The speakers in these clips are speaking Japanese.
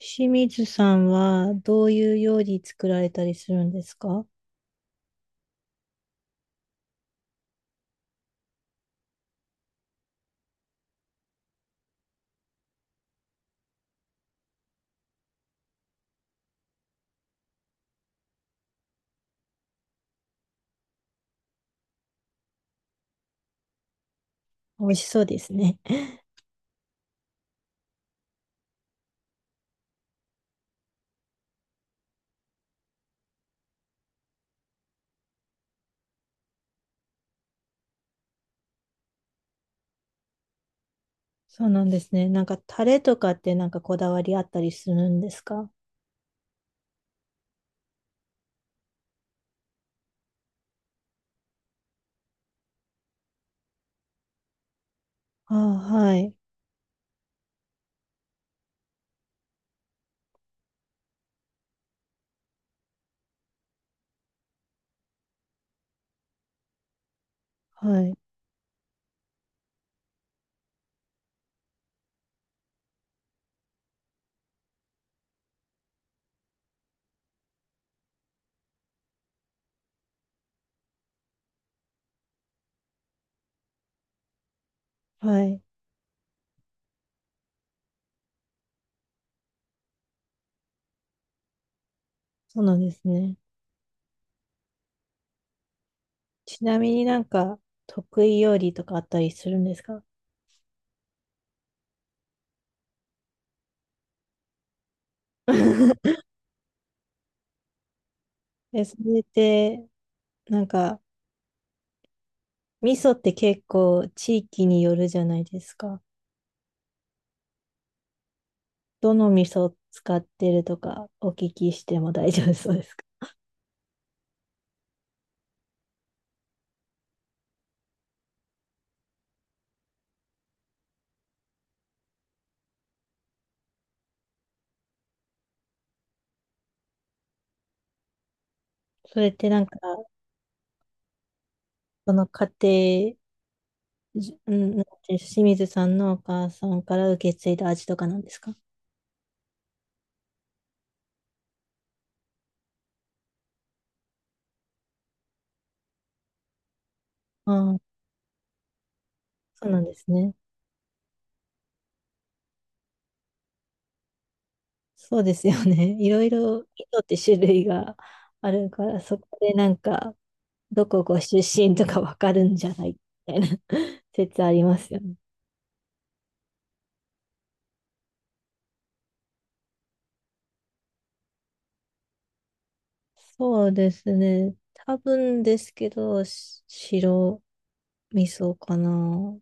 清水さんはどういう料理作られたりするんですか？美味しそうですね。そうなんですね。なんかタレとかってなんかこだわりあったりするんですか？ああ、はい。はい。はい。そうなんですね。ちなみになんか得意料理とかあったりするんですか？ え、それってなんか、味噌って結構地域によるじゃないですか。どの味噌使ってるとかお聞きしても大丈夫そうですか？ それってなんかその家庭、じうん、なんていう清水さんのお母さんから受け継いだ味とかなんですか？ああ、そうなんですね。そうですよね。いろいろ、糸って種類があるから、そこでなんか、どこご出身とかわかるんじゃないみたいな、 説ありますよね。そうですね。多分ですけど、白味噌かな、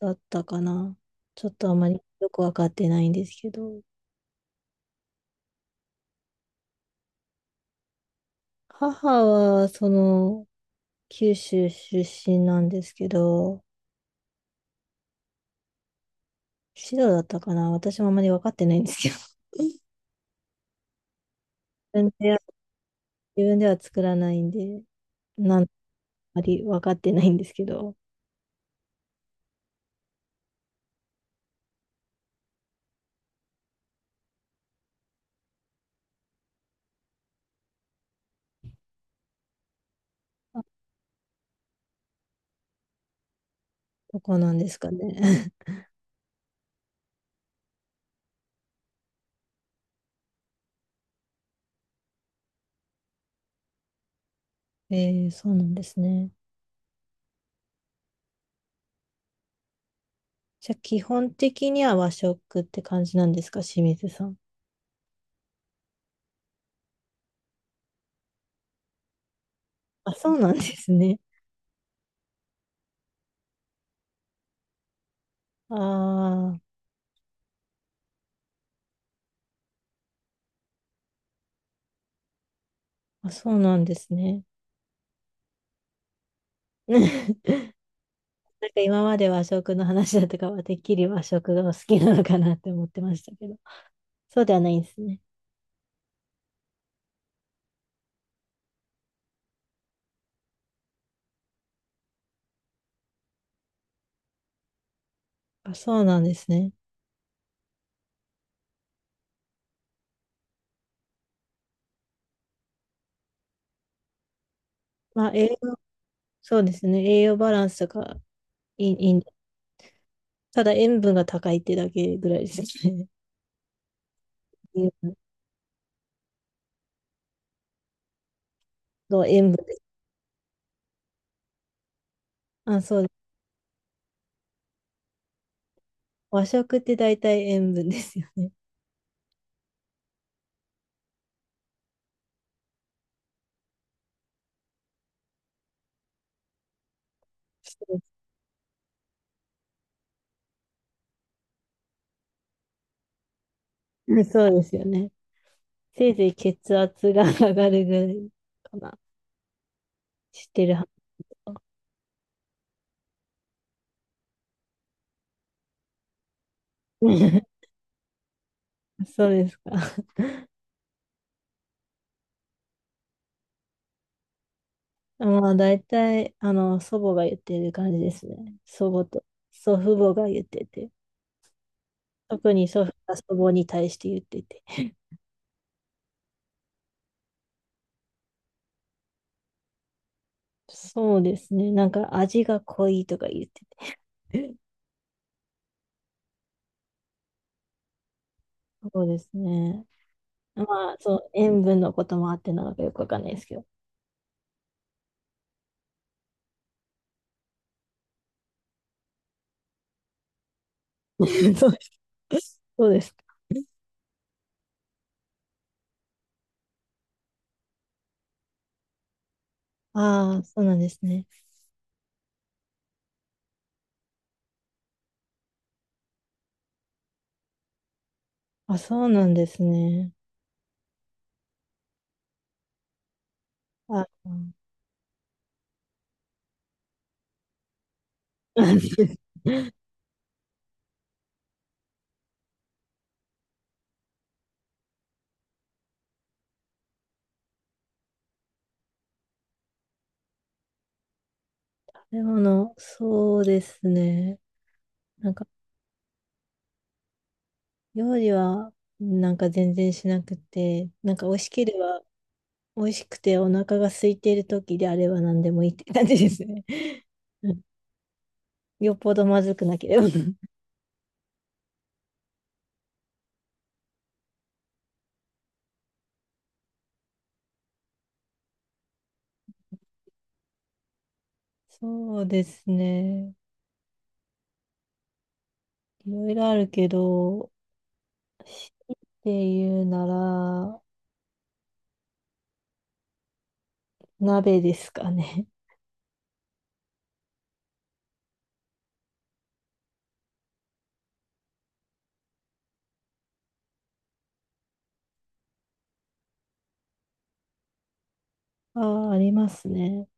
だったかな。ちょっとあまりよくわかってないんですけど。母は、その、九州出身なんですけど、白だったかな、私もあまり分かってないんですけど。自分では、自分では作らないんで、なんあまり分かってないんですけど、あどこなんですかね。えー、そうなんですね。じゃあ、基本的には和食って感じなんですか、清水さん？あ、そうなんですね。あー、あ、そうなんですね。なんか今まで和食の話だとかは、てっきり和食がお好きなのかなって思ってましたけど、そうではないんですね。あ、そうなんですね。まあ、栄養、そうですね。栄養バランスがいいんで、ただ塩分が高いってだけぐらいですね。塩分、そう塩分です。あ、そうです。和食って大体塩分ですよね。そうです。 そうですよね。せいぜい血圧が上がるぐらいかな。知ってるはず。そうですか。まあ、大体、あの、祖母が言ってる感じですね。祖母と、祖父母が言ってて。特に祖父が祖母に対して言ってて。そうですね。なんか味が濃いとか言ってて。そうですね。まあ、そう、塩分のこともあってなのかよくわかんないですけど。そうです。そうです。ああ、そうなんですね。あ、そうなんですね。あ、うん。 食べ物、そうですね。なんか、料理は、なんか全然しなくて、なんか美味しければ、美味しくてお腹が空いている時であれば何でもいいって感じですね。うん、よっぽどまずくなければ。そうですね。いろいろあるけど、しっていうなら、鍋ですかね。ああ、ありますね。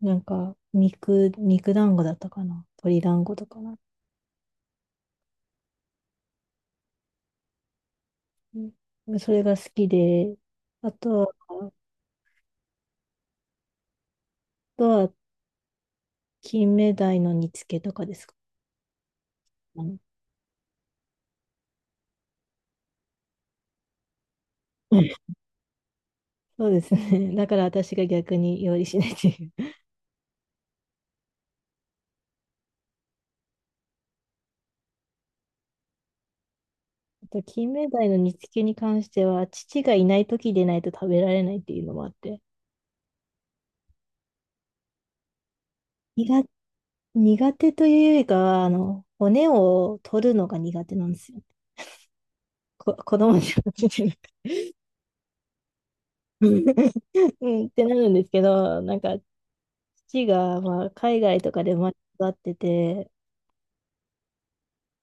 なんか、肉団子だったかな。鶏団子とかな。うん、それが好きで、あとは、あとは、金目鯛の煮付けとかですかね。うん。 そうですね。だから私が逆に料理しないっていう。あと、金目鯛の煮付けに関しては、父がいない時でないと食べられないっていうのもあって。苦苦手というよりかは、あの、骨を取るのが苦手なんですよ。子供じゃなくて。うん、ってなるんですけど、なんか、父が、まあ、海外とかで生まれ育ってて、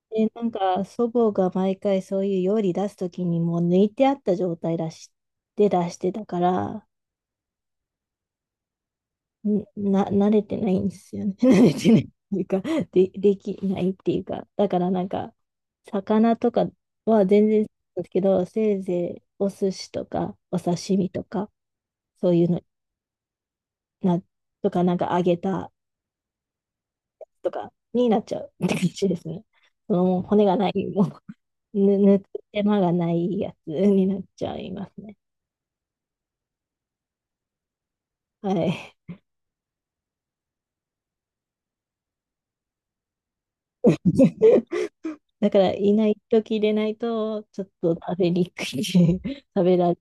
で、なんか、祖母が毎回そういう料理出すときにもう抜いてあった状態出し、で出してたから、ん慣れてないんですよね。慣れてないっていうか、で、できないっていうか、だからなんか、魚とかは全然ですけど、せいぜいお寿司とか、お刺身とか、そういうのな、とか、なんか揚げたとかになっちゃうって感じですね。そのもう骨がない、もう、ぬ、ぬ手間がないやつになっちゃいますね。はい。だから、いない時でないと、ちょっと食べにくい、食べら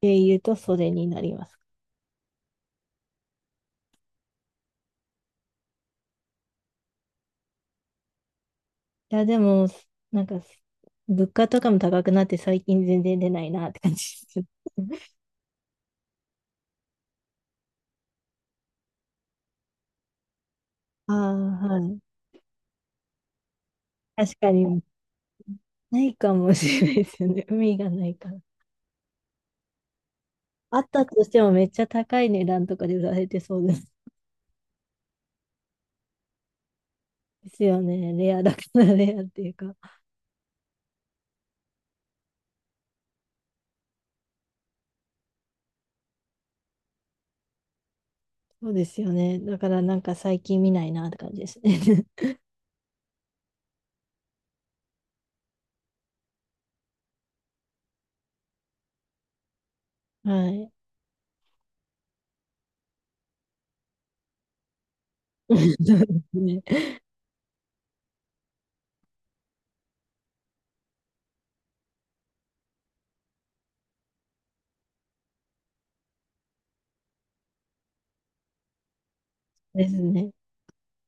経由と袖になります。いや、でも、なんか、物価とかも高くなって最近全然出ないなって感じです。ああ、はい。確かに、ないかもしれないですよね。海がないから。あったとしてもめっちゃ高い値段とかで売られてそうです。ですよね。レアだからレアっていうか。そうですよね。だからなんか最近見ないなって感じですね。はい。そうですね。ですね。